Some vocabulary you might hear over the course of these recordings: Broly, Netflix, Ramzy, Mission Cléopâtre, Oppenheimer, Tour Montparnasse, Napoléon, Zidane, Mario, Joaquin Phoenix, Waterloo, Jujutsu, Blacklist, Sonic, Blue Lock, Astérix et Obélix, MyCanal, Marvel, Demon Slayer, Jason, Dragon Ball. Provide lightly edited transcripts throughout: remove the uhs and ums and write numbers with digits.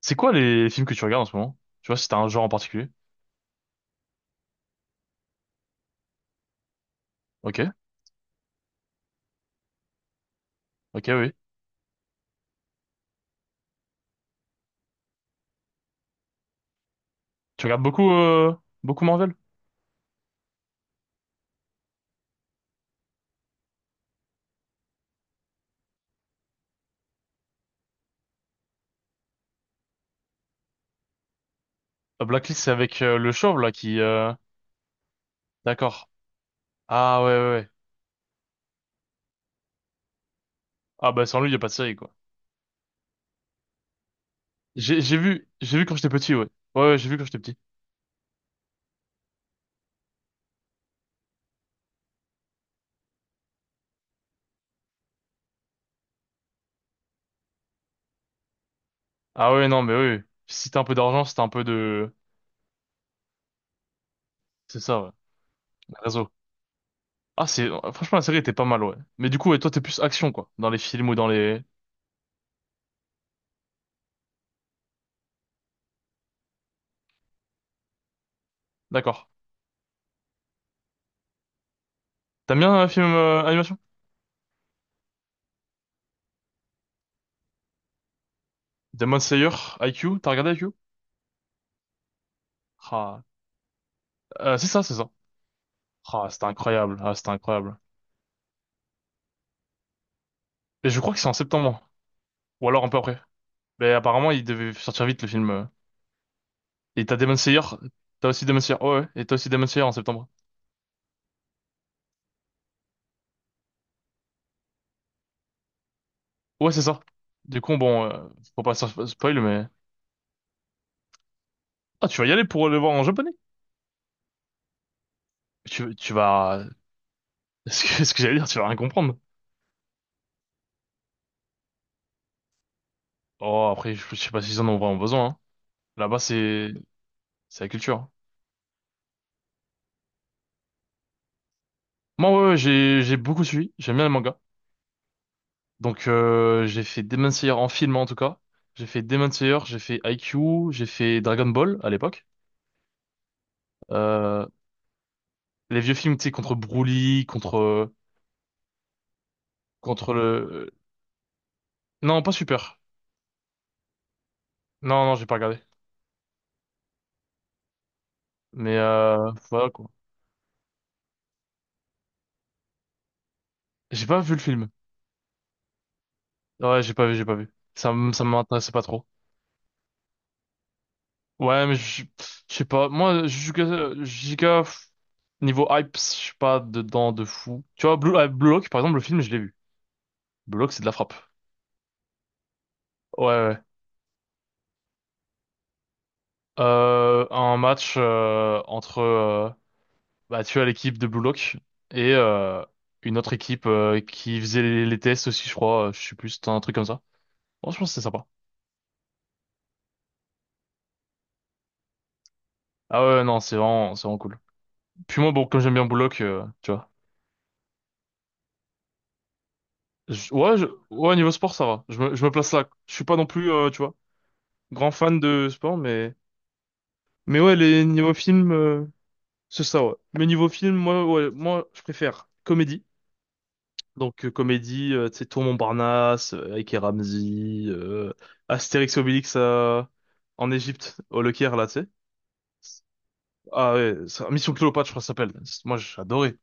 C'est quoi les films que tu regardes en ce moment? Tu vois, si t'as un genre en particulier. Ok, ok, oui. Tu regardes beaucoup, beaucoup Marvel? Blacklist, c'est avec le chauve, là, qui... D'accord. Ah, ouais, ouais, ouais. Ah, bah, sans lui, y a pas de série, quoi. J'ai vu quand j'étais petit, ouais. Ouais, ouais, j'ai vu quand j'étais petit. Ah, ouais, non, mais oui. Oui. Si t'as un peu d'argent, si t'as un peu de... C'est ça, ouais. Le Réseau. Ah, c'est... Franchement, la série était pas mal, ouais. Mais du coup, ouais, toi, t'es plus action, quoi. Dans les films ou dans les... D'accord. T'aimes bien un film animation? Demon Slayer, IQ, t'as regardé IQ? Ah, c'est ça, c'est ça. Ah, c'était incroyable. Ah, c'était incroyable. Et je crois que c'est en septembre. Ou alors un peu après. Mais apparemment, il devait sortir vite le film. Et t'as Demon Slayer. T'as aussi Demon Slayer. Ouais, ouais. Et t'as aussi Demon Slayer en septembre. Ouais, c'est ça. Du coup, bon, faut pas se- spoil, mais. Ah, tu vas y aller pour le voir en japonais. Tu vas. Ce que j'allais dire, tu vas rien comprendre. Oh, après, je sais pas s'ils en ont vraiment besoin. Hein. Là-bas, c'est. C'est la culture. Moi, ouais, ouais, j'ai beaucoup suivi. J'aime bien les mangas. Donc j'ai fait Demon Slayer en film en tout cas. J'ai fait Demon Slayer, j'ai fait IQ, j'ai fait Dragon Ball à l'époque. Euh, les vieux films, tu sais, contre Broly, contre le non pas Super. Non non j'ai pas regardé. Mais voilà quoi. J'ai pas vu le film. Ouais j'ai pas vu j'ai pas vu. Ça m'intéressait pas trop. Ouais mais je sais pas. Moi Jujutsu Jujutsu, pff, niveau hype je suis pas dedans de fou. Tu vois Blue Lock par exemple le film je l'ai vu. Blue Lock c'est de la frappe. Ouais ouais. Un match entre bah, tu as l'équipe de Blue Lock et une autre équipe qui faisait les tests aussi, je crois. Je sais plus, c'était un truc comme ça. Bon, je pense que c'est sympa. Ah ouais, non, c'est vraiment cool. Puis moi, bon, comme j'aime bien Blue Lock, tu vois. Ouais, niveau sport, ça va. Je me place là. Je suis pas non plus, tu vois, grand fan de sport, mais, ouais, les niveaux films, c'est ça, ouais. Mais niveau film, moi, ouais, moi, je préfère comédie. Donc comédie, tu sais, Tour Montparnasse, avec et Ramzy, Astérix et Obélix en Égypte, au Le Caire, là, tu sais. Ah ouais, Mission Cléopâtre, je crois que ça s'appelle. Moi, j'adorais.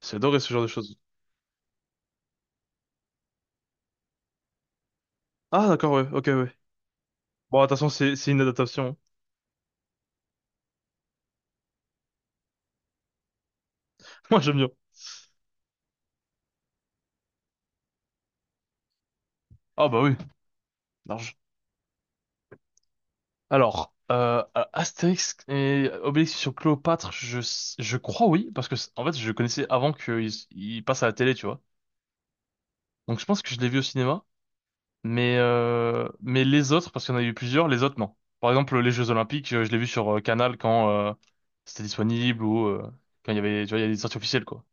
J'ai adoré ce genre de choses. Ah d'accord, ouais, ok, ouais. Bon, attention, c'est une adaptation. Moi, j'aime bien. Ah bah oui, large. Alors, Astérix et Obélix sur Cléopâtre, je crois oui, parce que en fait, je connaissais avant qu'ils ils passent à la télé, tu vois. Donc je pense que je l'ai vu au cinéma. Mais les autres, parce qu'il y en a eu plusieurs, les autres, non. Par exemple, les Jeux Olympiques, je l'ai vu sur Canal quand c'était disponible ou quand il y avait, tu vois, il y a des sorties officielles, quoi.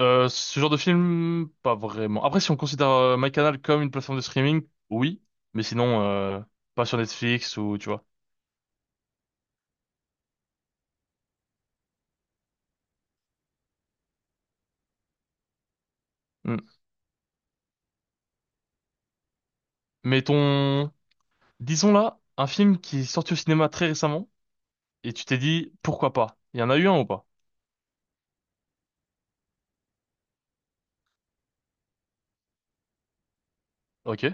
Ce genre de film, pas vraiment. Après, si on considère MyCanal comme une plateforme de streaming, oui. Mais sinon, pas sur Netflix ou, tu vois. Mm. Mais ton... Disons là, un film qui est sorti au cinéma très récemment et tu t'es dit, pourquoi pas? Il y en a eu un ou pas? Ok,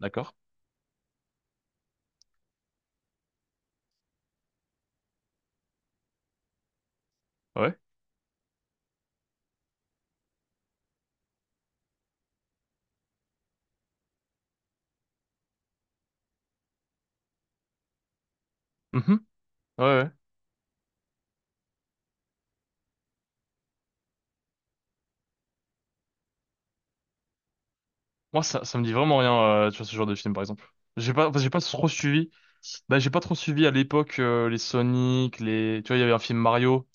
d'accord. Ouais. Mhm. Ouais, ouais. Moi, ça me dit vraiment rien, tu vois, ce genre de film, par exemple. J'ai pas trop suivi. Bah, j'ai pas trop suivi à l'époque les Sonic, les. Tu vois, il y avait un film Mario.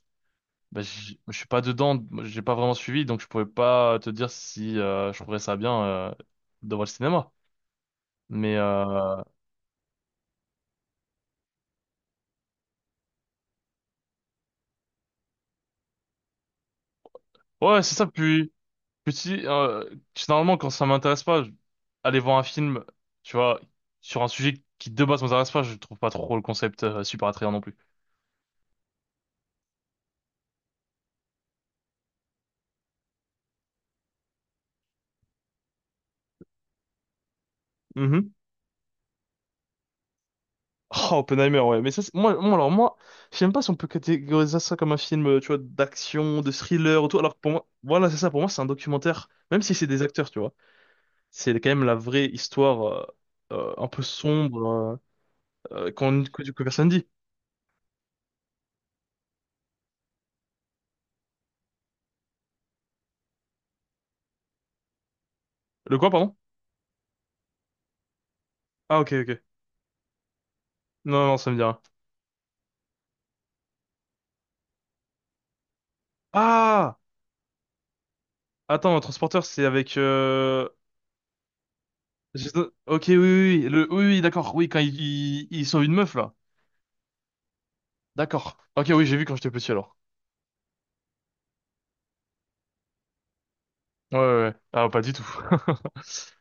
Je suis pas dedans, moi, j'ai pas vraiment suivi, donc je pouvais pas te dire si je trouverais ça bien de voir le cinéma. Mais ouais, c'est ça. Puis si, généralement, quand ça m'intéresse pas, aller voir un film, tu vois, sur un sujet qui de base m'intéresse pas, je trouve pas trop le concept super attrayant non plus. Oh, Oppenheimer, ouais. Mais ça, alors moi, je sais même pas si on peut catégoriser ça comme un film, tu vois, d'action, de thriller ou tout. Alors que pour moi, voilà, c'est ça. Pour moi, c'est un documentaire, même si c'est des acteurs, tu vois. C'est quand même la vraie histoire un peu sombre que personne dit. Le quoi, pardon? Ah, ok, ok. Non, non, ça me dit rien. Ah! Attends, un transporteur, c'est avec. Ok, oui, oui, oui, le... oui, oui, d'accord. Oui, quand ils sauvent une meuf, là. D'accord. Ok, oui, j'ai vu quand j'étais petit, alors. Ouais, ouais, ouais. Ah, pas du tout.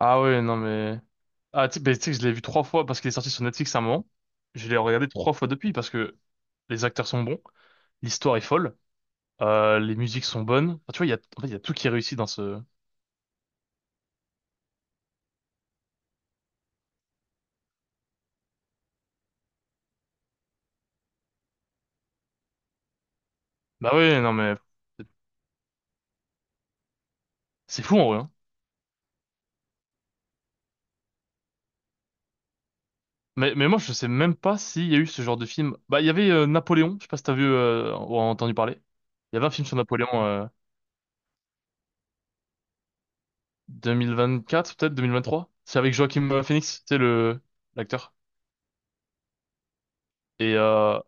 Ah ouais, non mais... Ah, tu sais, que je l'ai vu trois fois parce qu'il est sorti sur Netflix à un moment. Je l'ai regardé trois fois depuis parce que les acteurs sont bons, l'histoire est folle, les musiques sont bonnes. Enfin, tu vois, en fait, il y a tout qui est réussi dans ce... Bah ouais, non mais... C'est fou en vrai. Hein. Mais moi, je sais même pas s'il y a eu ce genre de film. Bah, il y avait Napoléon, je sais pas si t'as vu ou entendu parler. Il y avait un film sur Napoléon 2024, peut-être 2023. C'est avec Joaquin Phoenix, c'est le l'acteur. Et euh,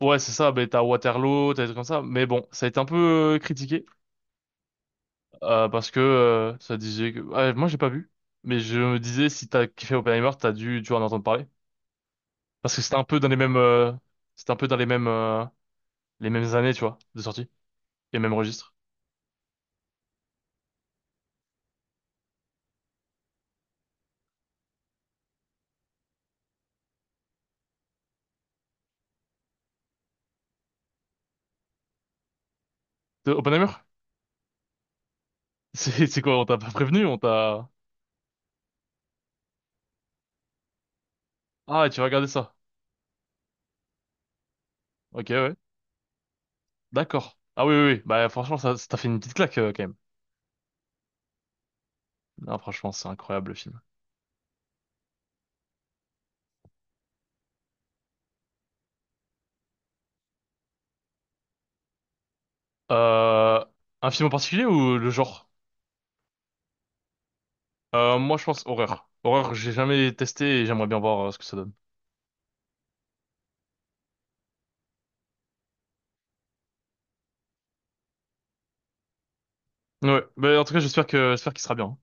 Ouais, c'est ça, ben, t'as Waterloo, t'as des trucs comme ça. Mais bon, ça a été un peu critiqué parce que ça disait que... ouais, moi, j'ai pas vu. Mais je me disais, si t'as kiffé Oppenheimer, tu en entendre parler. Parce que c'était un peu dans les mêmes... c'était un peu dans les mêmes années, tu vois, de sortie. Les même registre. De Oppenheimer? C'est quoi, on t'a pas prévenu? On t'a... Ah, tu vas regarder ça. Ok, ouais. D'accord. Ah oui, oui, oui. Bah franchement, ça t'a fait une petite claque quand même. Non, franchement, c'est incroyable le film. Euh, un film en particulier ou le genre? Moi, je pense horreur. Horreur, j'ai jamais testé et j'aimerais bien voir ce que ça donne. Ouais, mais en tout cas, j'espère qu'il sera bien.